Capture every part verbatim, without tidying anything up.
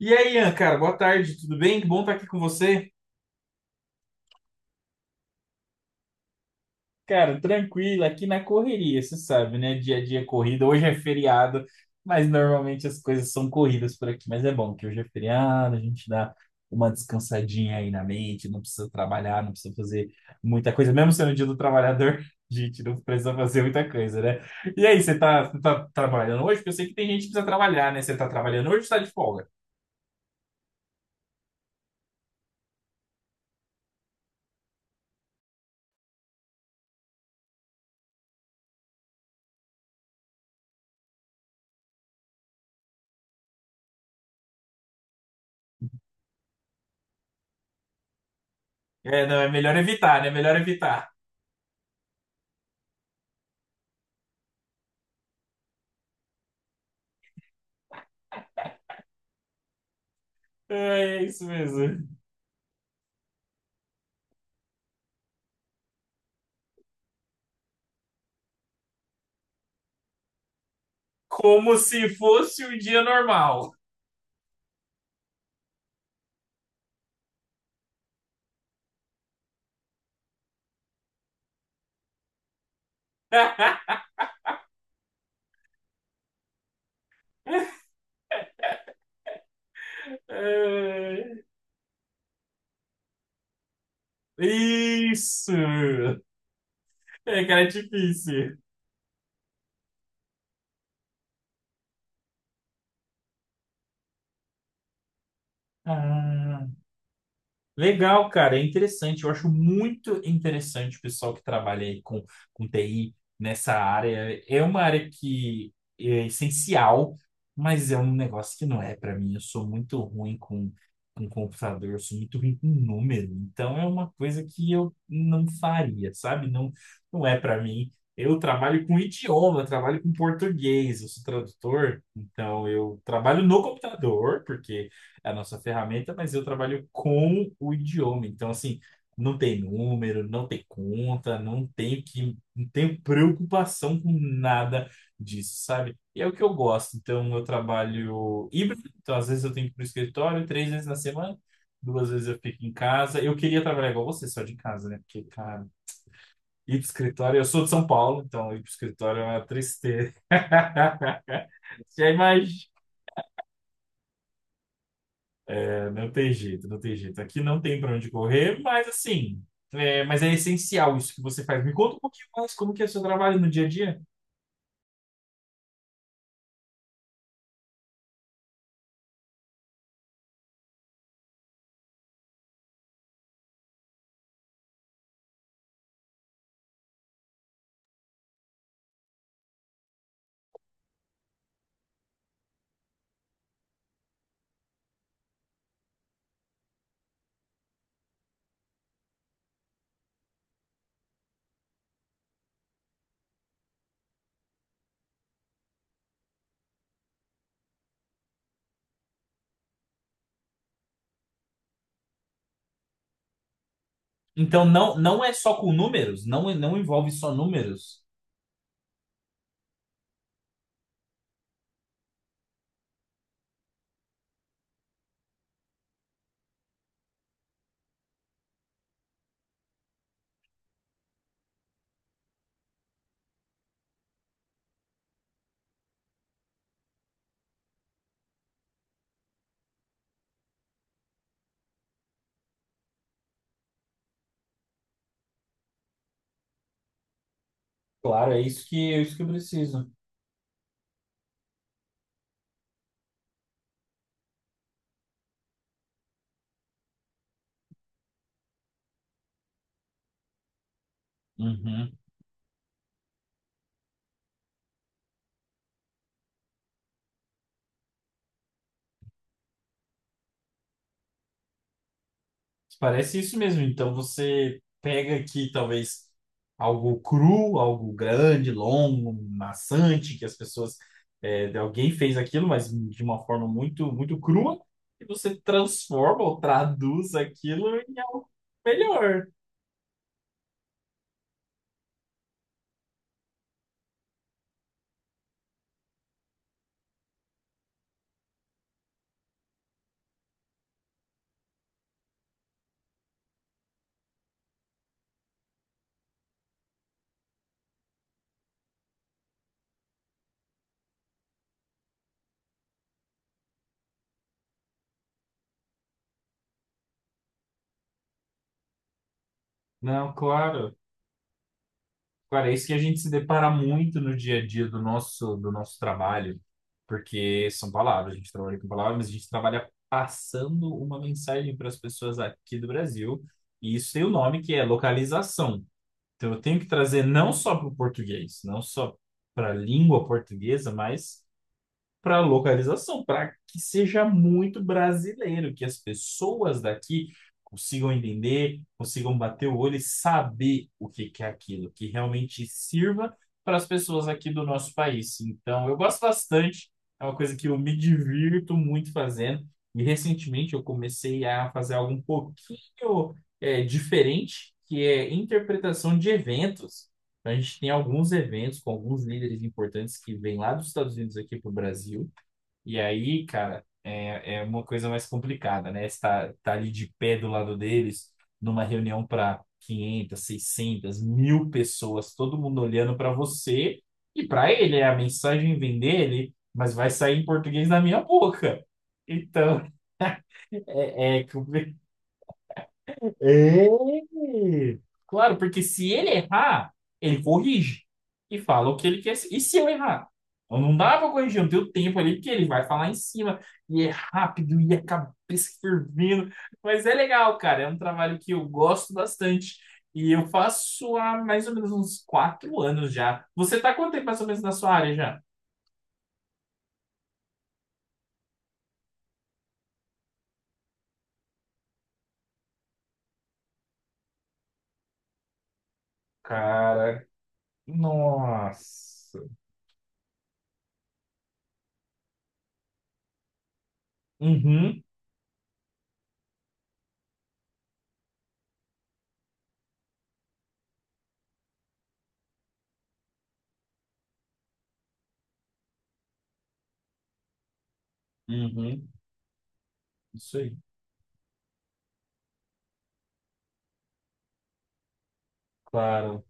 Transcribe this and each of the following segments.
E aí, Ian, cara, boa tarde, tudo bem? Que bom estar aqui com você. Cara, tranquilo, aqui na correria, você sabe, né? Dia a dia é corrida. Hoje é feriado, mas normalmente as coisas são corridas por aqui. Mas é bom que hoje é feriado, a gente dá uma descansadinha aí na mente, não precisa trabalhar, não precisa fazer muita coisa. Mesmo sendo o dia do trabalhador, a gente não precisa fazer muita coisa, né? E aí, você tá, você tá trabalhando hoje? Porque eu sei que tem gente que precisa trabalhar, né? Você tá trabalhando hoje ou você tá de folga? É, não, é melhor evitar, né? É melhor evitar. É, é isso mesmo. Como se fosse um dia normal. É, isso! É, cara, é difícil. Ah. Legal, cara, é interessante. Eu acho muito interessante o pessoal que trabalha aí com, com T I nessa área. É uma área que é essencial, mas é um negócio que não é para mim. Eu sou muito ruim com, com computador, eu sou muito ruim com número. Então é uma coisa que eu não faria, sabe? Não, não é para mim. Eu trabalho com idioma, eu trabalho com português, eu sou tradutor, então eu trabalho no computador, porque é a nossa ferramenta, mas eu trabalho com o idioma. Então, assim, não tem número, não tem conta, não tenho que, não tenho preocupação com nada disso, sabe? E é o que eu gosto. Então, eu trabalho híbrido, então às vezes eu tenho que ir para o escritório três vezes na semana, duas vezes eu fico em casa. Eu queria trabalhar igual você, só de casa, né? Porque, cara, ir para o escritório, eu sou de São Paulo, então ir para o escritório é uma tristeza. Já não tem jeito, não tem jeito. Aqui não tem para onde correr, mas assim, é, mas é essencial isso que você faz. Me conta um pouquinho mais como que é o seu trabalho no dia a dia. Então não não é só com números, não não envolve só números. Claro, é isso que é isso que eu preciso. Uhum. Parece isso mesmo. Então você pega aqui talvez algo cru, algo grande, longo, maçante, que as pessoas, é, alguém fez aquilo, mas de uma forma muito, muito crua, e você transforma ou traduz aquilo em algo melhor. Não, claro. Cara, é isso que a gente se depara muito no dia a dia do nosso, do nosso trabalho, porque são palavras, a gente trabalha com palavras, mas a gente trabalha passando uma mensagem para as pessoas aqui do Brasil, e isso tem o nome que é localização. Então eu tenho que trazer não só para o português, não só para a língua portuguesa, mas para localização, para que seja muito brasileiro, que as pessoas daqui consigam entender, consigam bater o olho e saber o que que é aquilo, que realmente sirva para as pessoas aqui do nosso país. Então, eu gosto bastante, é uma coisa que eu me divirto muito fazendo. E recentemente eu comecei a fazer algo um pouquinho é, diferente, que é interpretação de eventos. Então, a gente tem alguns eventos com alguns líderes importantes que vêm lá dos Estados Unidos aqui para o Brasil. E aí, cara, é, é uma coisa mais complicada, né? Estar tá tá ali de pé do lado deles, numa reunião para quinhentas, seiscentas, mil pessoas, todo mundo olhando para você e para ele. A mensagem vem dele, mas vai sair em português da minha boca. Então, é, é complicado é. Claro, porque se ele errar, ele corrige e fala o que ele quer. E se eu errar? Eu não dá pra corrigir, eu não tenho tempo ali, porque ele vai falar em cima, e é rápido, e a cabeça fervendo. Mas é legal, cara, é um trabalho que eu gosto bastante. E eu faço há mais ou menos uns quatro anos já. Você tá quanto tempo mais ou menos na sua área já? Cara, nossa. Uhum, uhum, isso aí, claro.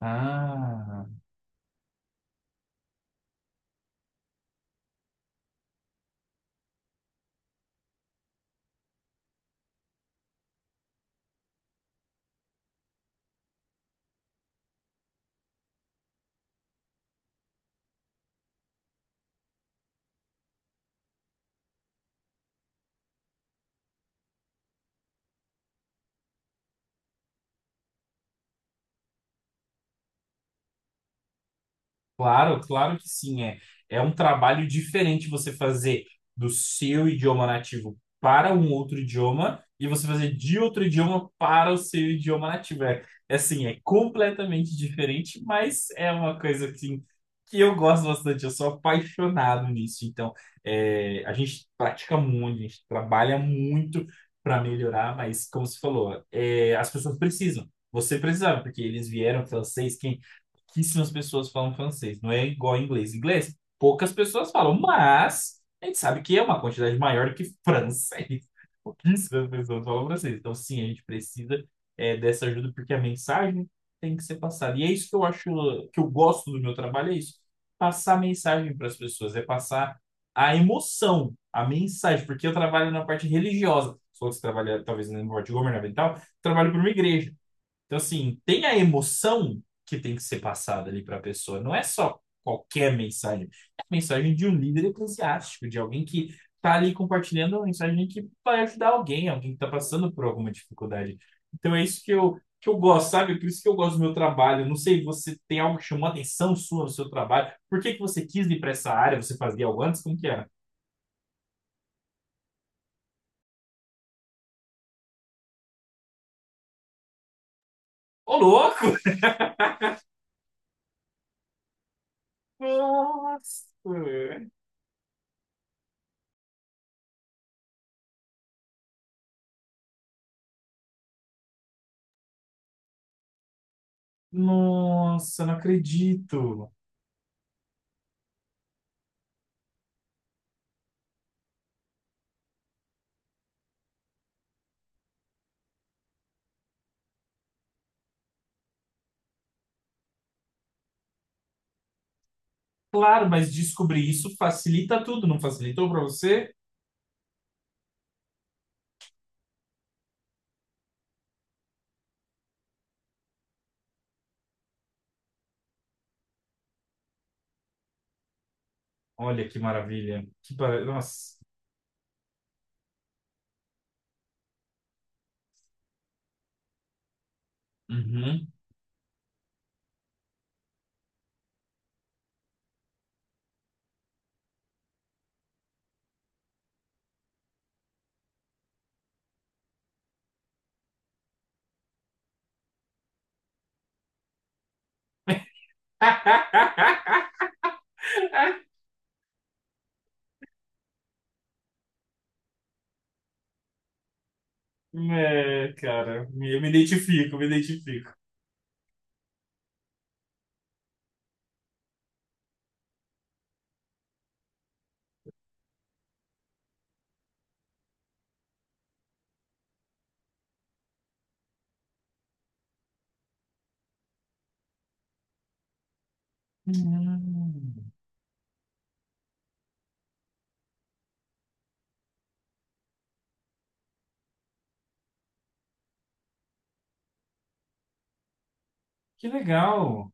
Ah. Claro, claro que sim, é. É um trabalho diferente você fazer do seu idioma nativo para um outro idioma e você fazer de outro idioma para o seu idioma nativo. É, é assim, é completamente diferente, mas é uma coisa assim, que eu gosto bastante, eu sou apaixonado nisso. Então, é, a gente pratica muito, a gente trabalha muito para melhorar, mas como você falou, é, as pessoas precisam. Você precisava, porque eles vieram francês, pouquíssimas pessoas falam francês, não é igual ao inglês. Inglês, poucas pessoas falam, mas a gente sabe que é uma quantidade maior que francês. Pouquíssimas pessoas falam francês. Então, sim, a gente precisa é, dessa ajuda porque a mensagem tem que ser passada. E é isso que eu acho, que eu gosto do meu trabalho, é isso. Passar mensagem para as pessoas, é passar a emoção, a mensagem, porque eu trabalho na parte religiosa. Se fosse trabalhar, talvez, na parte governamental, trabalho para uma igreja. Então, assim, tem a emoção que tem que ser passada ali para a pessoa. Não é só qualquer mensagem. É a mensagem de um líder eclesiástico, de alguém que está ali compartilhando uma mensagem que vai ajudar alguém, alguém que está passando por alguma dificuldade. Então, é isso que eu, que eu gosto, sabe? Por isso que eu gosto do meu trabalho. Não sei, você tem algo que chamou a atenção sua no seu trabalho? Por que que você quis ir para essa área? Você fazia algo antes? Como que era? Ô, louco! Nossa! Nossa, não acredito! Claro, mas descobrir isso facilita tudo, não facilitou para você? Olha que maravilha. Que par... Nossa. Uhum. É, cara, me- eu me identifico, me identifico. Hum, que legal.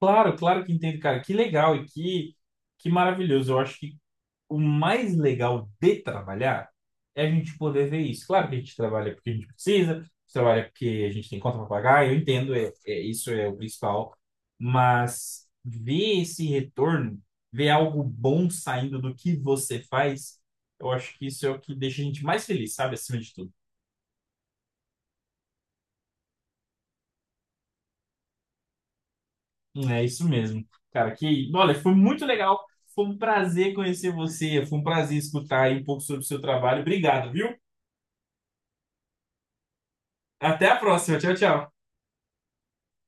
Claro, claro que entendo, cara. Que legal e que, que maravilhoso. Eu acho que o mais legal de trabalhar é a gente poder ver isso. Claro que a gente trabalha porque a gente precisa, a gente trabalha porque a gente tem conta para pagar, eu entendo, é, é- isso é o principal, mas ver esse retorno, ver algo bom saindo do que você faz, eu acho que isso é o que deixa a gente mais feliz, sabe? Acima de tudo. É isso mesmo. Cara, que, olha, foi muito legal. Foi um prazer conhecer você, foi um prazer escutar aí um pouco sobre o seu trabalho. Obrigado, viu? Até a próxima. Tchau, tchau.